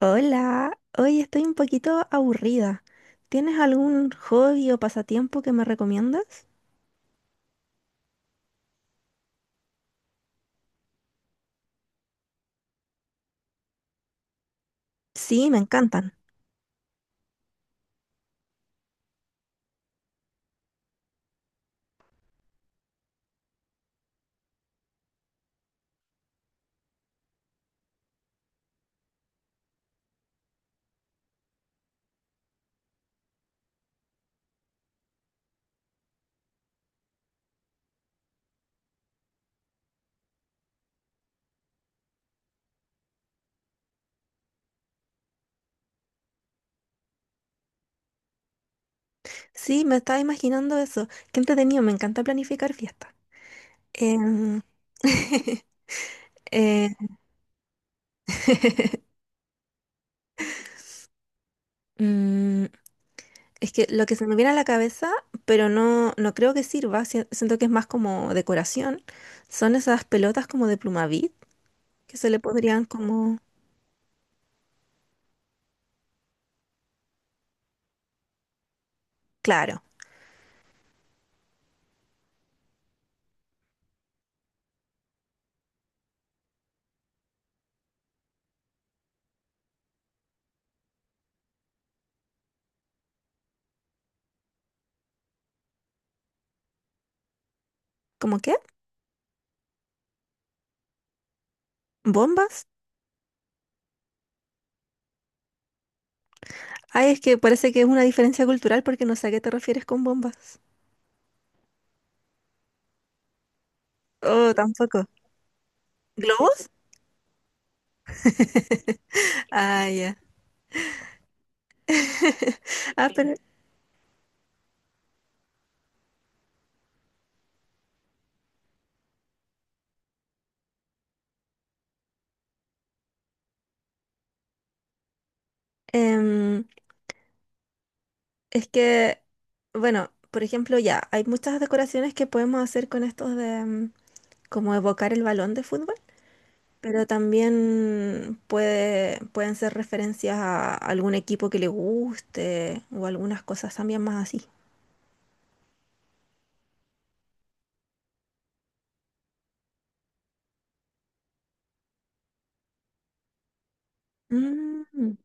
Hola, hoy estoy un poquito aburrida. ¿Tienes algún hobby o pasatiempo que me recomiendas? Sí, me encantan. Sí, me estaba imaginando eso. Qué entretenido, me encanta planificar fiestas. Em, eh, mm, es que lo que se me viene a la cabeza, pero no creo que sirva, siento que es más como decoración, son esas pelotas como de Plumavit, que se le podrían como... Claro, ¿como qué? ¿Bombas? Ay, es que parece que es una diferencia cultural porque no sé a qué te refieres con bombas. Oh, tampoco. ¿Globos? Ah, ya. Ah, pero em, es que, bueno, por ejemplo, ya, hay muchas decoraciones que podemos hacer con estos de como evocar el balón de fútbol, pero también pueden ser referencias a algún equipo que le guste o algunas cosas también más así. Mm,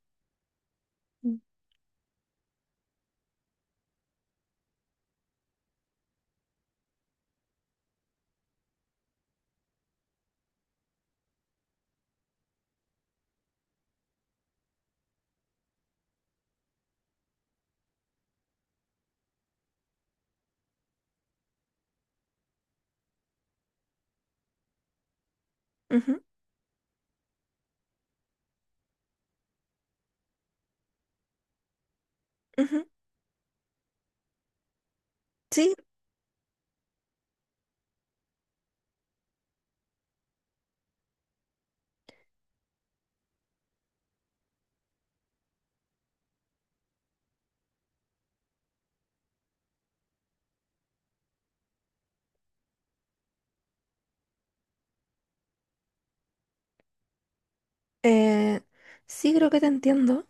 ujú, ujú. Sí. Eh, sí, creo que te entiendo.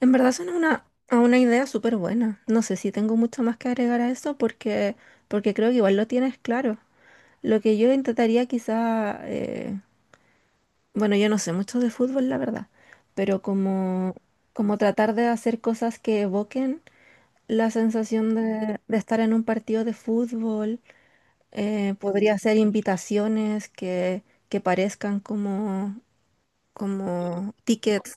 En verdad suena a una idea súper buena. No sé si tengo mucho más que agregar a eso porque, porque creo que igual lo tienes claro. Lo que yo intentaría quizá, bueno, yo no sé mucho de fútbol, la verdad, pero como, como tratar de hacer cosas que evoquen la sensación de estar en un partido de fútbol. Podría ser invitaciones que parezcan como, como tickets.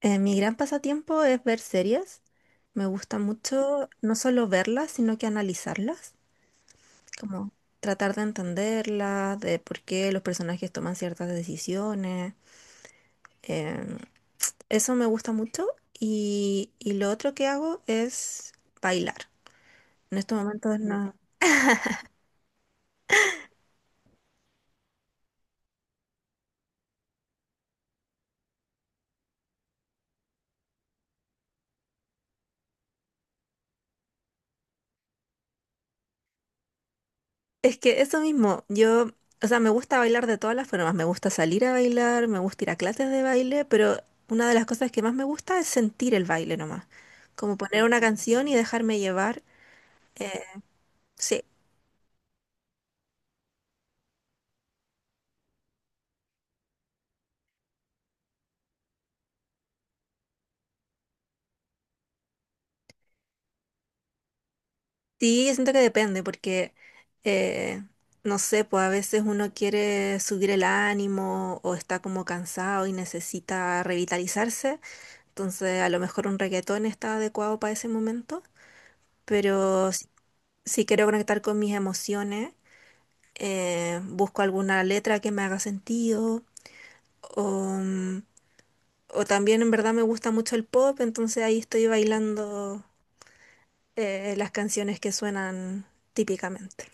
Mi gran pasatiempo es ver series. Me gusta mucho no solo verlas, sino que analizarlas, como tratar de entenderlas, de por qué los personajes toman ciertas decisiones. Em, eso me gusta mucho. Y lo otro que hago es bailar. En estos momentos no. Es que eso mismo, yo, o sea, me gusta bailar de todas las formas, me gusta salir a bailar, me gusta ir a clases de baile, pero una de las cosas que más me gusta es sentir el baile nomás, como poner una canción y dejarme llevar. eh, sí, sí, yo siento que depende, porque, eh, no sé, pues a veces uno quiere subir el ánimo o está como cansado y necesita revitalizarse, entonces a lo mejor un reggaetón está adecuado para ese momento, pero si quiero conectar con mis emociones, busco alguna letra que me haga sentido, o, mm, o también en verdad me gusta mucho el pop, entonces ahí estoy bailando las canciones que suenan típicamente.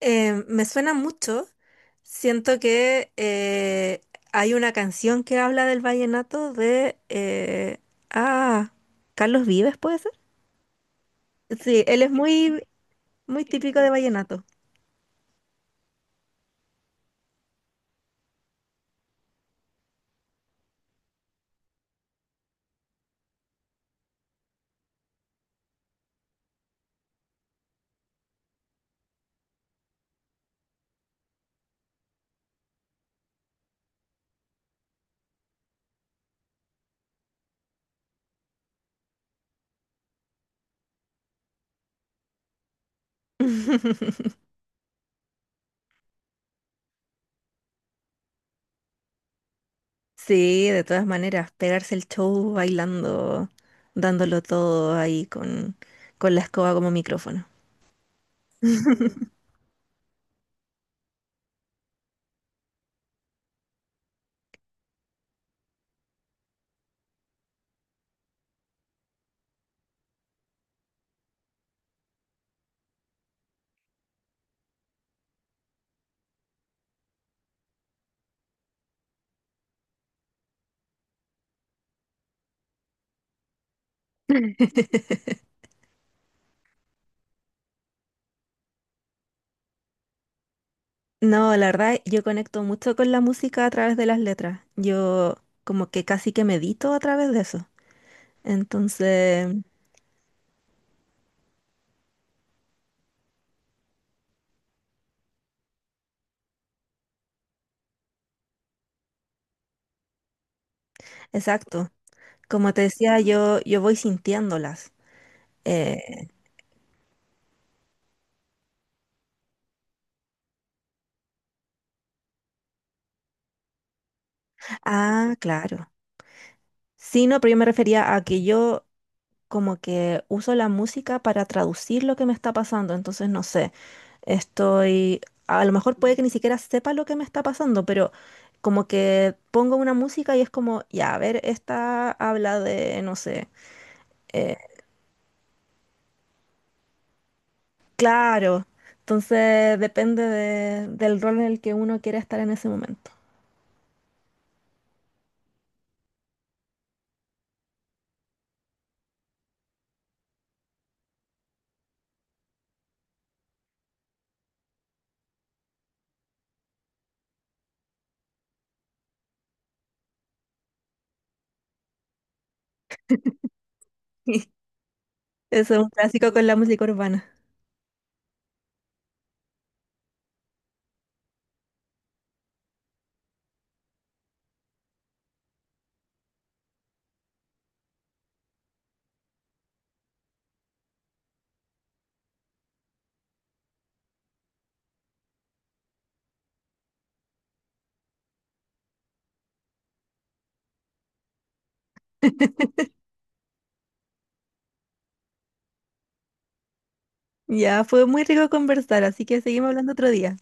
Me suena mucho, siento que hay una canción que habla del vallenato de... ah, Carlos Vives, ¿puede ser? Sí, él es muy, muy típico de vallenato. Sí, de todas maneras, pegarse el show bailando, dándolo todo ahí con la escoba como micrófono. No, la verdad, yo conecto mucho con la música a través de las letras. Yo como que casi que medito a través de eso. Entonces, exacto. Como te decía, yo voy sintiéndolas. Eh, ah, claro. Sí, no, pero yo me refería a que yo como que uso la música para traducir lo que me está pasando, entonces no sé, estoy, a lo mejor puede que ni siquiera sepa lo que me está pasando, pero como que pongo una música y es como, ya, a ver, esta habla de, no sé, eh, claro, entonces depende del rol en el que uno quiera estar en ese momento. Eso es un clásico con la música urbana. Ya, fue muy rico conversar, así que seguimos hablando otro día.